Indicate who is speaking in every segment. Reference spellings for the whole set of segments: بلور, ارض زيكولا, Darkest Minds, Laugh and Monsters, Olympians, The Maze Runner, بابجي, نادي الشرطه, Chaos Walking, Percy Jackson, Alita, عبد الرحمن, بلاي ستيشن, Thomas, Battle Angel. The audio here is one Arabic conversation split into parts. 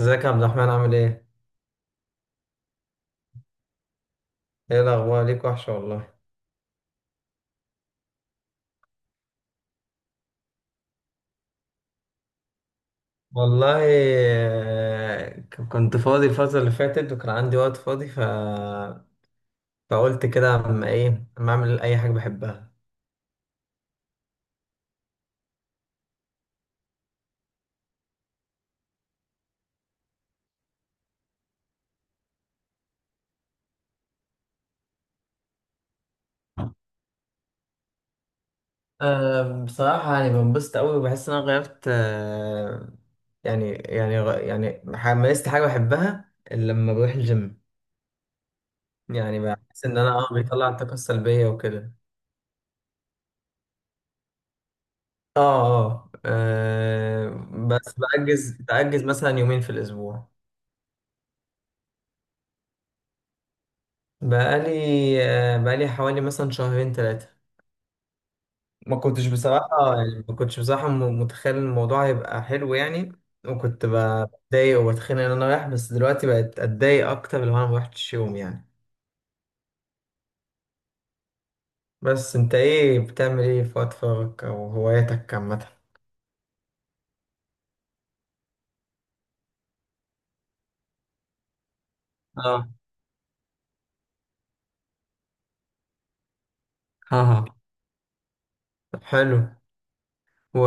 Speaker 1: ازيك يا عبد الرحمن عامل ايه؟ ايه الأخبار ليك وحشة والله. والله كنت فاضي الفترة اللي فاتت وكان عندي وقت فاضي فقلت كده اما ايه اما اعمل أي حاجة بحبها. أه بصراحة يعني بنبسط أوي وبحس إن أنا غيرت يعني مارست حاجة بحبها إلا لما بروح الجيم. يعني بحس إن أنا بيطلع الطاقة السلبية وكده. اه. اه. بس بأجز مثلا يومين في الأسبوع. بقالي بقالي حوالي مثلا شهرين ثلاثة. ما كنتش بصراحة يعني ما كنتش بصراحة متخيل الموضوع هيبقى حلو يعني. وكنت بتضايق وبتخانق ان انا رايح، بس دلوقتي بقت اتضايق اكتر لو انا ما رحتش يوم يعني. بس انت ايه بتعمل ايه في وقت فراغك او هواياتك عامة؟ اه. ها. طب حلو. و،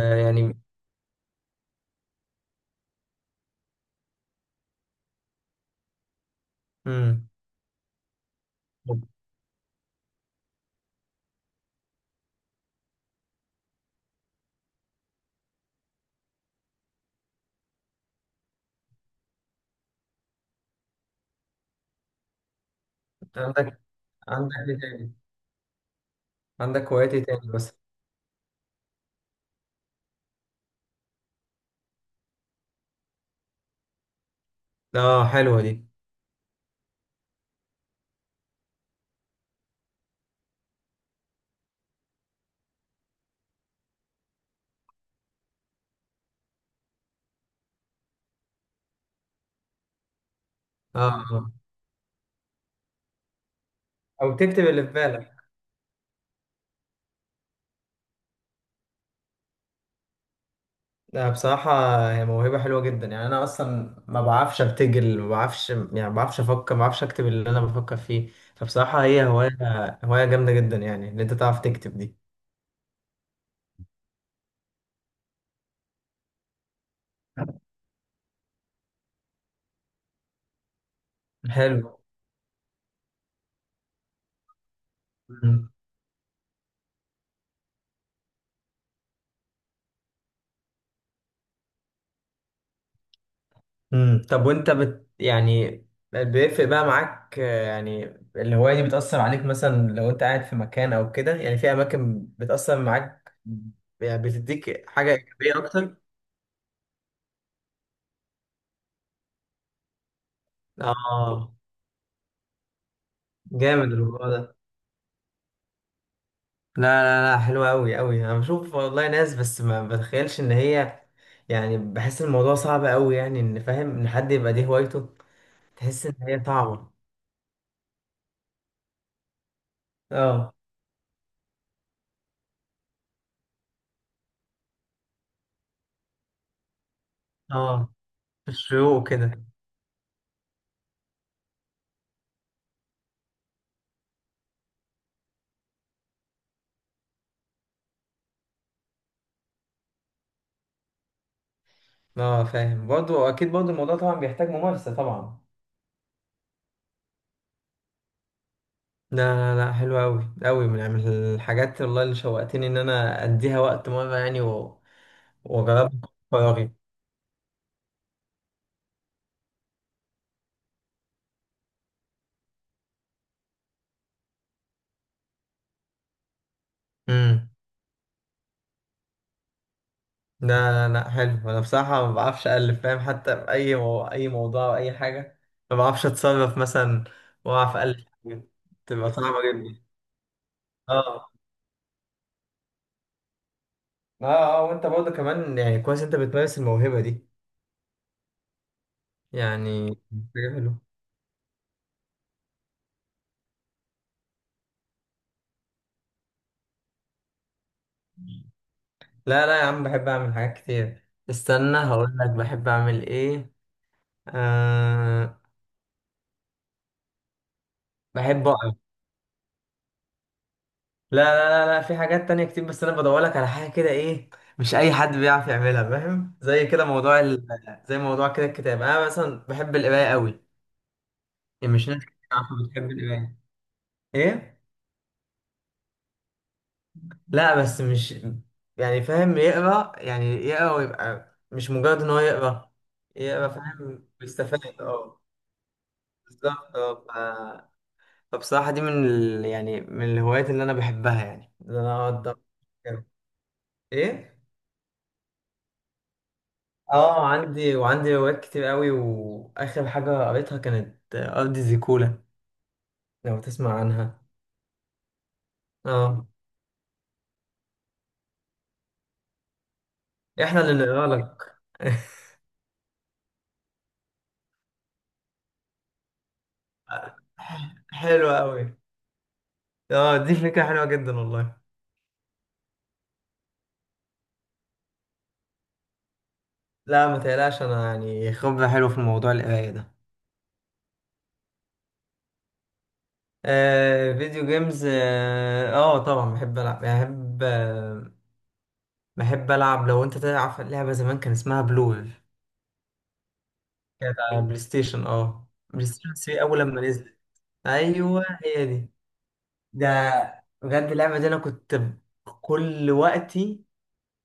Speaker 1: يعني، امم. عندك، عندك ايه تاني؟ عندك هوايات ايه تاني بس؟ اه حلوة دي. اه آه. او تكتب اللي في بالك. لا بصراحة هي موهبة حلوة جدا، يعني أنا أصلا ما بعرفش أبتجل، ما بعرفش يعني ما بعرفش أفكر، ما بعرفش أكتب اللي أنا بفكر فيه. فبصراحة هي هواية جامدة جدا يعني إن أنت تعرف تكتب دي. حلو. مم. مم. طب وأنت يعني بيفرق بقى معاك، يعني الهواية دي بتأثر عليك مثلا لو أنت قاعد في مكان أو كده، يعني في أماكن بتأثر معاك. يعني بتديك حاجة إيجابية أكتر. آه. جامد الموضوع ده. لا، حلوة أوي أوي، أنا بشوف والله ناس بس ما بتخيلش إن هي، يعني بحس الموضوع صعب أوي يعني، إن فاهم إن حد يبقى دي هوايته. تحس إن هي صعبة. اه. اه. الشيوخ كده. اه فاهم برضه، أكيد برضه الموضوع طبعا بيحتاج ممارسة طبعا. لا، حلوة أوي أوي، من الحاجات والله اللي شوقتني إن أنا أديها وقت مرة يعني وأجربها في فراغي. مم. لا لا، حلو. انا بصراحه ما بعرفش الف فاهم، حتى في اي موضوع او اي حاجه. ما بعرفش اتصرف مثلا، واعرف الف حاجه. تبقى صعبه جدا. اه. اه. اه وانت برضه كمان يعني كويس انت بتمارس الموهبه دي. يعني حاجه حلوه. لا لا يا عم، بحب اعمل حاجات كتير، استنى هقول لك بحب اعمل ايه. آه... بحب اقرا. لا، في حاجات تانية كتير، بس انا بدورلك على حاجة كده ايه؟ مش اي حد بيعرف يعملها فاهم. زي كده زي موضوع كده الكتاب. انا مثلا بحب القراية قوي. يعني مش ناس كتير عارفة بتحب القراية. ايه؟ لا بس مش، يعني فاهم يقرا يعني يقرا ويبقى مش مجرد ان هو يقرا. يقرا فاهم بيستفاد، اه. بالظبط اه. فبصراحة دي من يعني من الهوايات اللي انا بحبها، يعني ان انا اقعد أقرأ. ايه؟ اه عندي، وعندي روايات كتير قوي، واخر حاجه قريتها كانت ارض زيكولا، لو تسمع عنها. اه. احنا اللي نقرا لك. حلوه قوي. اه دي فكره حلوه جدا والله. لا ما تقلقش، انا يعني خبره حلوه في الموضوع القرايه ده. آه فيديو جيمز، اه، طبعا بحب العب يعني، بحب آه، بحب العب. لو انت تعرف لعبه زمان كان اسمها بلور، كانت على بلاي ستيشن، اه بلاي ستيشن 3 اول لما نزلت. ايوه هي دي. ده بجد اللعبة دي أنا كل وقتي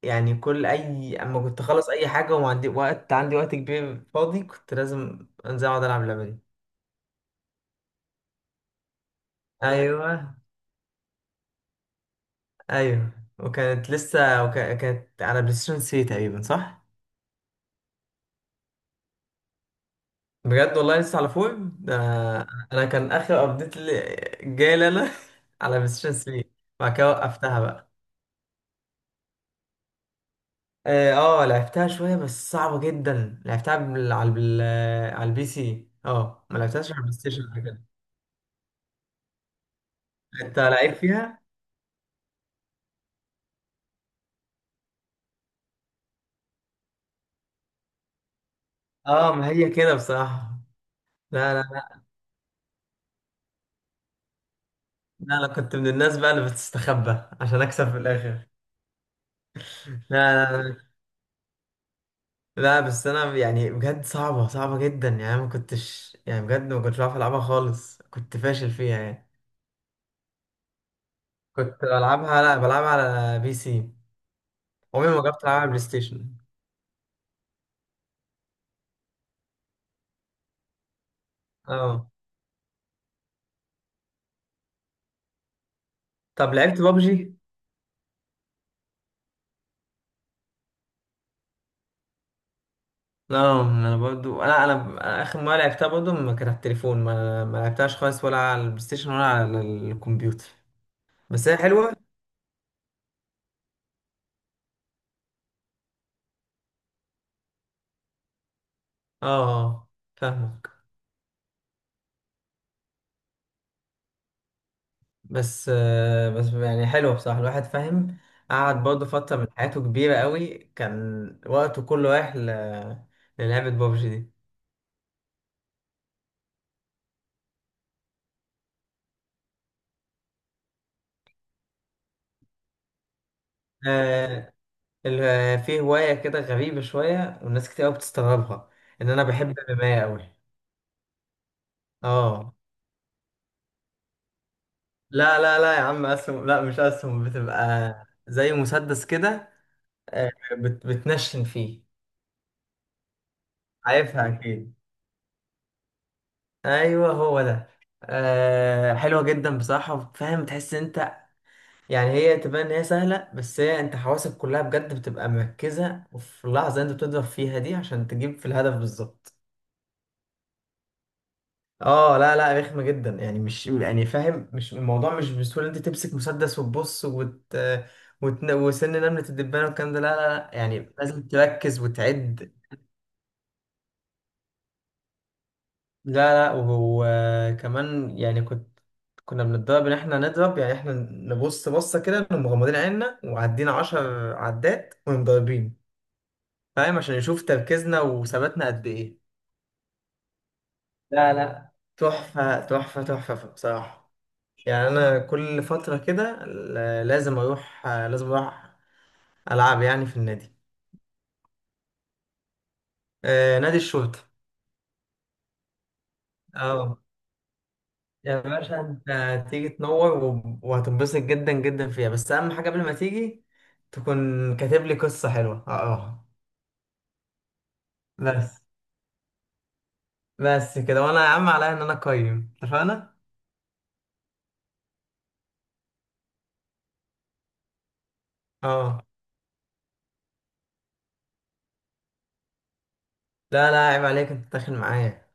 Speaker 1: يعني، كل أي أما كنت أخلص أي حاجة وما عندي وقت، عندي وقت كبير فاضي كنت لازم أنزل أقعد ألعب اللعبة دي. أيوه. أيوه. وكانت على بلاي ستيشن 3 تقريبا، صح؟ بجد والله لسه على فوق ده. أنا كان آخر أبديت اللي جاي لنا على بلاي ستيشن 3، بعد كده وقفتها بقى. اه، لعبتها شوية بس صعبة جدا، لعبتها على البي سي، اه ما لعبتهاش على البلاي ستيشن قبل كده. انت لعيب فيها؟ اه ما هي كده بصراحة. لا لا لا، انا كنت من الناس بقى اللي بتستخبى عشان اكسب في الاخر. لا لا لا لا، بس انا يعني بجد صعبة صعبة جدا، يعني أنا ما كنتش يعني بجد ما كنتش بعرف العبها خالص، كنت فاشل فيها يعني. كنت بلعبها لا بلعبها على بي سي. عمري ما جربت العبها على بلاي ستيشن. اه. طب لعبت بابجي؟ لا انا برضو انا انا أنا اخر مره لعبتها برضو ما كانت على التليفون، ما لعبتهاش خالص ولا على البلاي ستيشن ولا على الكمبيوتر. بس هي حلوه. اه. آه، فاهمك. بس يعني حلوه بصراحه، الواحد فاهم قعد برضو فتره من حياته كبيره قوي، كان وقته كله رايح للعبه بابجي دي. آه، في هوايه كده غريبه شويه والناس كتير قوي بتستغربها. ان انا بحب الرمايه قوي. اه. لا لا لا يا عم، اسهم لا، مش اسهم، بتبقى زي مسدس كده. آه، بتنشن فيه. عارفها اكيد. ايوه هو ده. حلوه جدا بصراحه، فاهم تحس انت يعني هي تبان ان هي سهله، بس هي انت حواسك كلها بجد بتبقى مركزه في اللحظه اللي انت بتضرب فيها دي عشان تجيب في الهدف بالظبط. اه. لا لا، رخمة جدا يعني، مش يعني فاهم مش الموضوع مش بسهولة انت تمسك مسدس وتبص وسن نملة الدبانة والكلام ده، لا، يعني لازم تركز وتعد. لا لا، وكمان يعني كنا بنتدرب ان احنا نضرب، يعني احنا نبص بصة كده نقوم مغمضين عيننا وعدين عشر عدات ومضربين. فاهم عشان يشوف تركيزنا وثباتنا قد ايه. لا لا، تحفة بصراحة. يعني انا كل فتره كده لازم اروح العب يعني في النادي. آه نادي الشرطه. اه يا باشا انت هتيجي تنور وهتنبسط جدا جدا فيها، بس اهم حاجه قبل ما تيجي تكون كاتب لي قصه حلوه اقراها. بس بس كده، وانا يا عم عليا ان انا اقيم، اتفقنا. اه لا لا عيب عليك، انت داخل معايا.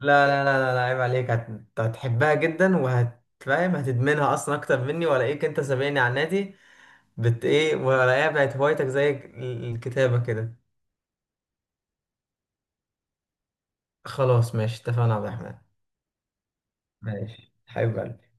Speaker 1: لا لا لا لا لا، عيب عليك، هتحبها جدا وهتفهم هتدمنها اصلا اكتر مني، ولا ايه انت سابقني على النادي، بت ايه ولا ايه بقت هوايتك زي الكتابة كده؟ خلاص ماشي، اتفقنا يا عبد الرحمن. ماشي حبيب قلبي.